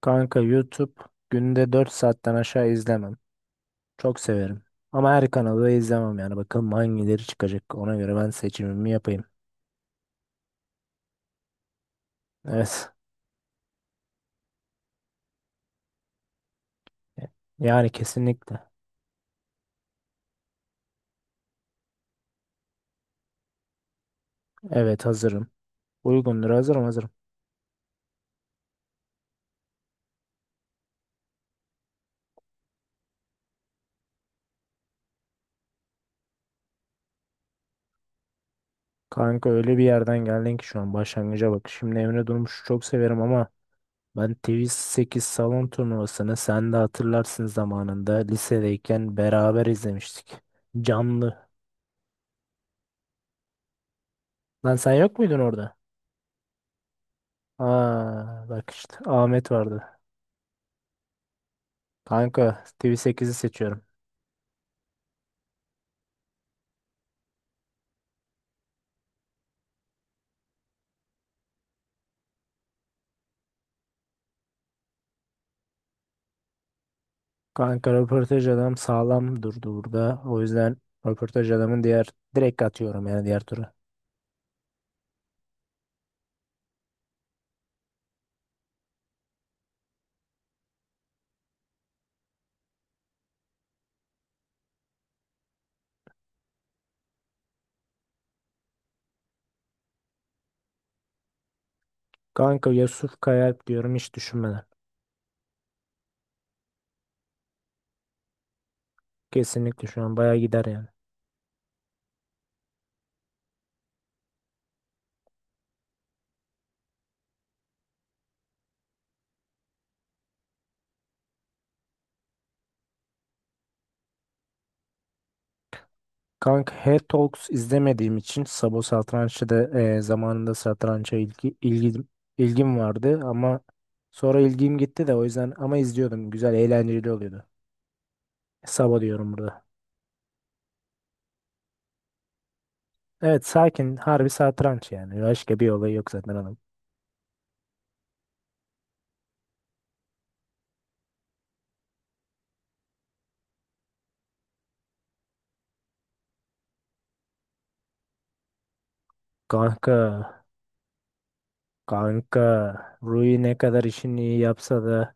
Kanka YouTube günde 4 saatten aşağı izlemem. Çok severim. Ama her kanalı da izlemem yani. Bakalım hangileri çıkacak. Ona göre ben seçimimi yapayım. Evet. Yani kesinlikle. Evet, hazırım. Uygundur, hazırım, hazırım. Kanka öyle bir yerden geldin ki şu an başlangıca bak. Şimdi Emre Durmuş'u çok severim ama ben TV8 salon turnuvasını sen de hatırlarsın zamanında lisedeyken beraber izlemiştik. Canlı. Lan sen yok muydun orada? Aa bak işte Ahmet vardı. Kanka TV8'i seçiyorum. Kanka röportaj adam sağlam durdu burada. O yüzden röportaj adamın diğer direkt atıyorum yani diğer tura. Kanka Yusuf Kayalp diyorum hiç düşünmeden. Kesinlikle şu an bayağı gider yani. Kanka Her Talks izlemediğim için Sabo Satranç'ı da zamanında satrança ilgim vardı ama sonra ilgim gitti de o yüzden ama izliyordum. Güzel, eğlenceli oluyordu. Sabo diyorum burada. Evet, sakin harbi satranç yani. Başka bir olay yok zaten adam. Kanka Kanka Rui ne kadar işini iyi yapsa da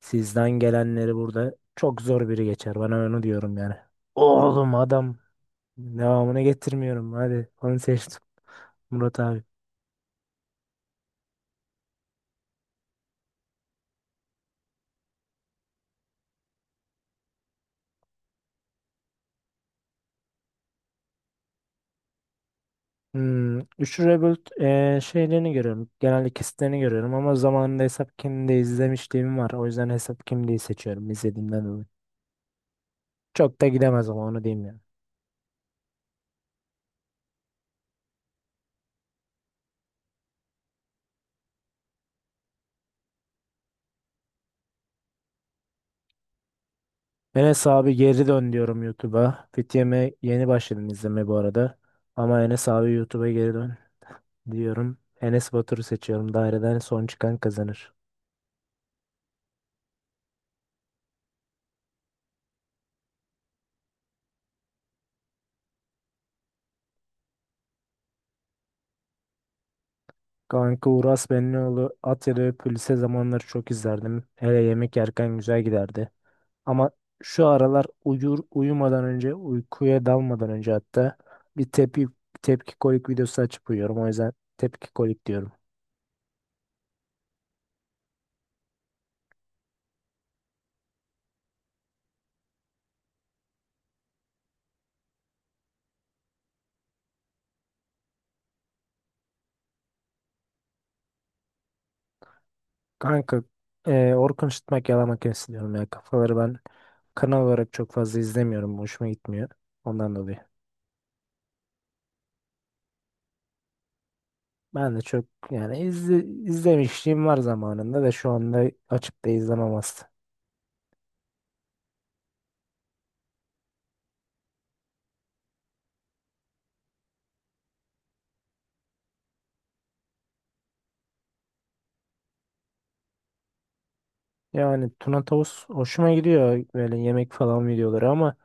sizden gelenleri burada çok zor biri geçer. Bana onu diyorum yani. Oğlum adam devamını getirmiyorum. Hadi onu seçtim Murat abi. Üçlü Rebuild şeylerini görüyorum. Genelde kesitlerini görüyorum ama zamanında Hesap kimliği izlemişliğim var. O yüzden Hesap kimliği seçiyorum izlediğimden dolayı. Çok da gidemez ama onu diyeyim yani. Enes abi geri dön diyorum YouTube'a. Fitiyem'e yeni başladım izlemeye bu arada. Ama Enes abi YouTube'a geri dön diyorum. Enes Batur'u seçiyorum. Daireden son çıkan kazanır. Kanka Uras Benlioğlu at ya da öp lise zamanları çok izlerdim. Hele yemek yerken güzel giderdi. Ama şu aralar uyur uyumadan önce uykuya dalmadan önce hatta bir tepki kolik videosu açıp uyuyorum. O yüzden tepki kolik diyorum. Kanka Orkun Işıtmak Yalama Makinesi diyorum ya. Kafaları ben kanal olarak çok fazla izlemiyorum. Hoşuma gitmiyor. Ondan dolayı. Ben de çok yani izlemişliğim var zamanında da şu anda açıp da izlemem aslında. Yani Tuna Tavus hoşuma gidiyor böyle yemek falan videoları ama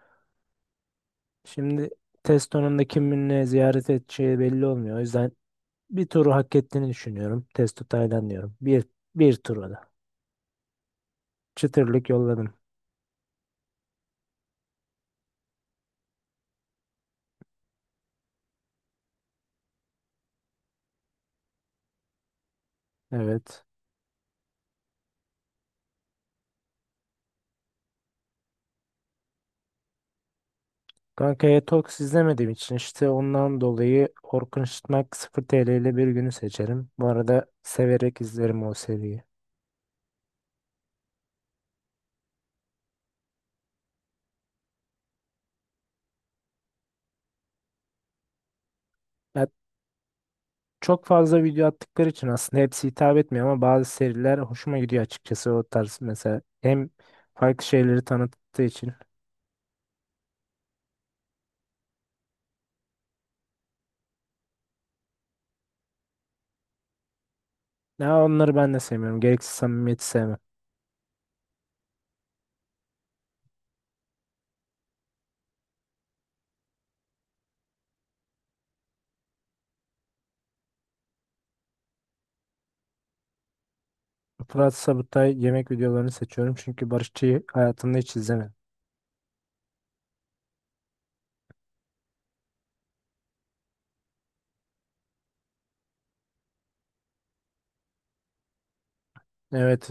şimdi Testo'nun da kiminle ziyaret edeceği belli olmuyor. O yüzden bir turu hak ettiğini düşünüyorum. Testo Taylan diyorum. Bir turu da. Çıtırlık yolladım. Evet. Kankaya Talks izlemediğim için işte ondan dolayı Orkun Işıtmak 0 TL ile bir günü seçerim. Bu arada severek izlerim o seriyi. Ya çok fazla video attıkları için aslında hepsi hitap etmiyor ama bazı seriler hoşuma gidiyor açıkçası o tarz mesela. Hem farklı şeyleri tanıttığı için. Ya onları ben de sevmiyorum. Gereksiz samimiyeti sevmem. Fırat Sabutay yemek videolarını seçiyorum çünkü Barışçı'yı hayatımda hiç izlemedim. Evet.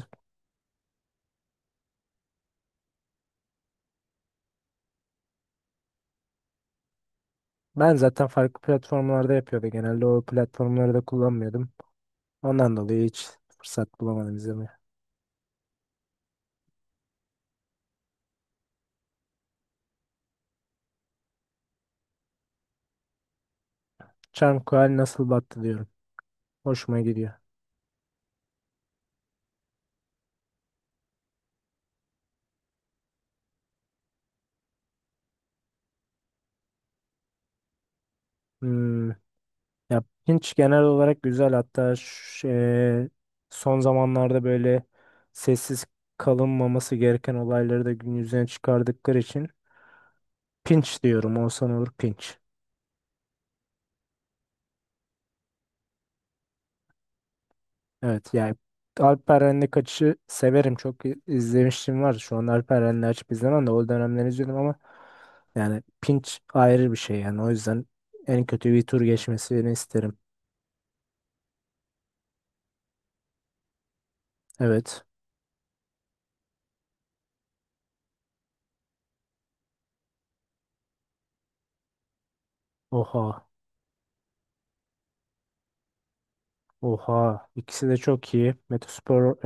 Ben zaten farklı platformlarda yapıyordu. Genelde o platformları da kullanmıyordum. Ondan dolayı hiç fırsat bulamadım izlemeye. Çarmıh Kuali nasıl battı diyorum. Hoşuma gidiyor. Hmm. Ya Pinch genel olarak güzel, hatta son zamanlarda böyle sessiz kalınmaması gereken olayları da gün yüzüne çıkardıkları için Pinch diyorum. Olsan olur Pinch. Evet, yani Alperen'le kaçışı severim. Çok izlemiştim var. Şu an Alperen'le açıp izlemem de o dönemler izliyordum ama yani Pinch ayrı bir şey yani. O yüzden en kötü bir tur geçmesini isterim. Evet. Oha. Oha. İkisi de çok iyi. Metospor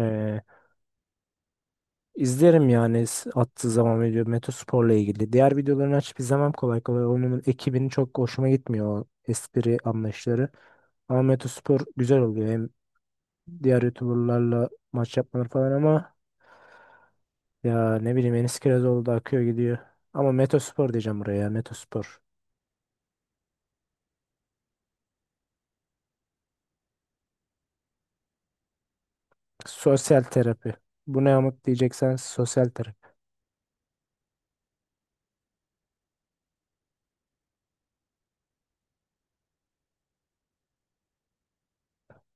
İzlerim yani attığı zaman video Metospor'la ilgili. Diğer videolarını açıp izlemem kolay kolay. Onun ekibinin çok hoşuma gitmiyor o espri anlayışları. Ama Metospor güzel oluyor. Hem diğer YouTuber'larla maç yapmaları falan ama ya ne bileyim Enis Kirazoğlu da akıyor gidiyor. Ama Metospor diyeceğim buraya ya Metospor. Sosyal terapi. Bu ne amık diyeceksen sosyal terapi.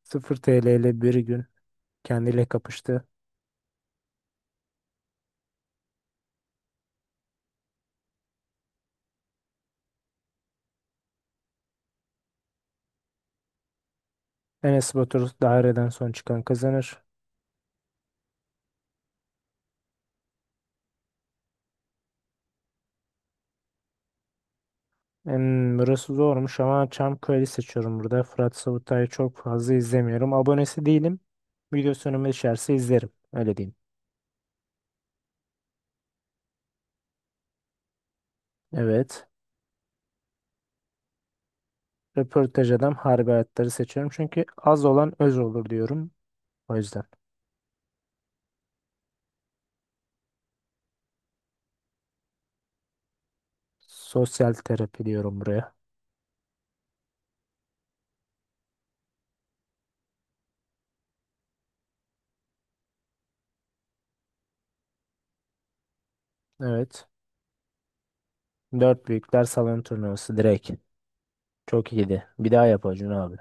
0 TL ile bir gün kendiyle kapıştı. Enes Batur daireden son çıkan kazanır. Burası zormuş ama Çamköy'ü seçiyorum burada. Fırat Savutay'ı çok fazla izlemiyorum. Abonesi değilim. Videosu önüme düşerse izlerim. Öyle diyeyim. Evet. Röportaj adam harbi hayatları seçiyorum. Çünkü az olan öz olur diyorum. O yüzden. Sosyal terapi diyorum buraya. Evet. Dört büyükler salon turnuvası direkt. Çok iyiydi. Bir daha yap Acun abi.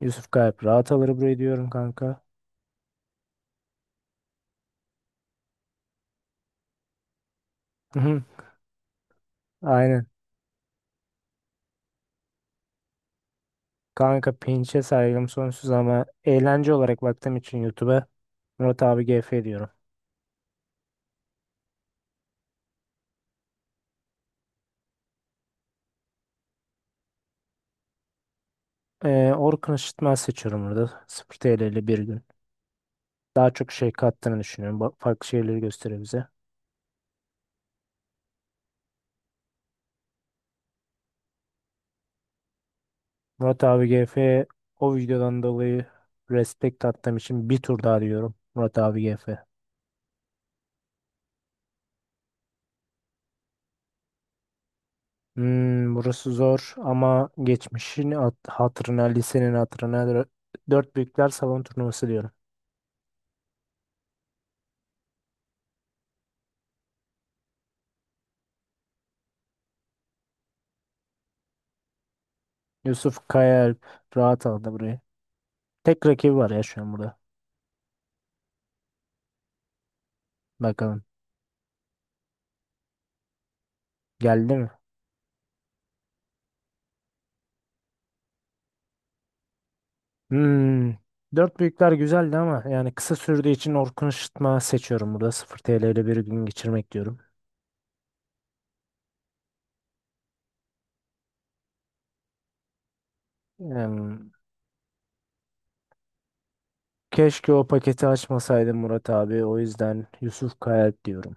Yusuf Kayıp rahat alır burayı diyorum kanka. Aynen. Kanka pinçe saygım sonsuz ama eğlence olarak baktığım için YouTube'a Murat abi GF diyorum. Orkun Işıtmaz seçiyorum burada. 0 TL ile bir gün. Daha çok şey kattığını düşünüyorum. Farklı şeyleri gösteriyor bize. Murat abi GF o videodan dolayı Respect attığım için bir tur daha diyorum. Murat abi GF. Burası zor ama geçmişin hatırına, lisenin hatırına dört büyükler salon turnuvası diyorum. Yusuf Kayaalp rahat aldı burayı. Tek rakibi var ya şu an burada. Bakalım. Geldi mi? Hmm. Dört büyükler güzeldi ama yani kısa sürdüğü için Orkun Işıtma seçiyorum burada. 0 TL ile bir gün geçirmek diyorum. Hmm, Keşke o paketi açmasaydım Murat abi. O yüzden Yusuf Kayalp diyorum.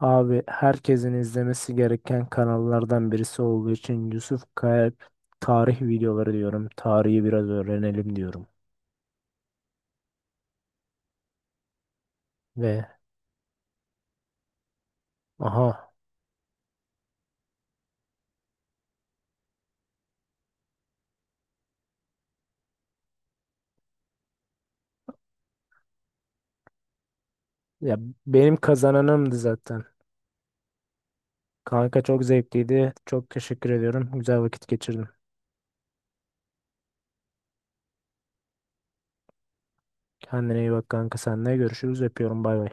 Abi herkesin izlemesi gereken kanallardan birisi olduğu için Yusuf Kayalp tarih videoları diyorum. Tarihi biraz öğrenelim diyorum. Ve. Aha. Ya benim kazananımdı zaten. Kanka çok zevkliydi. Çok teşekkür ediyorum. Güzel vakit geçirdim. Kendine iyi bak kanka. Seninle görüşürüz. Öpüyorum. Bay bay.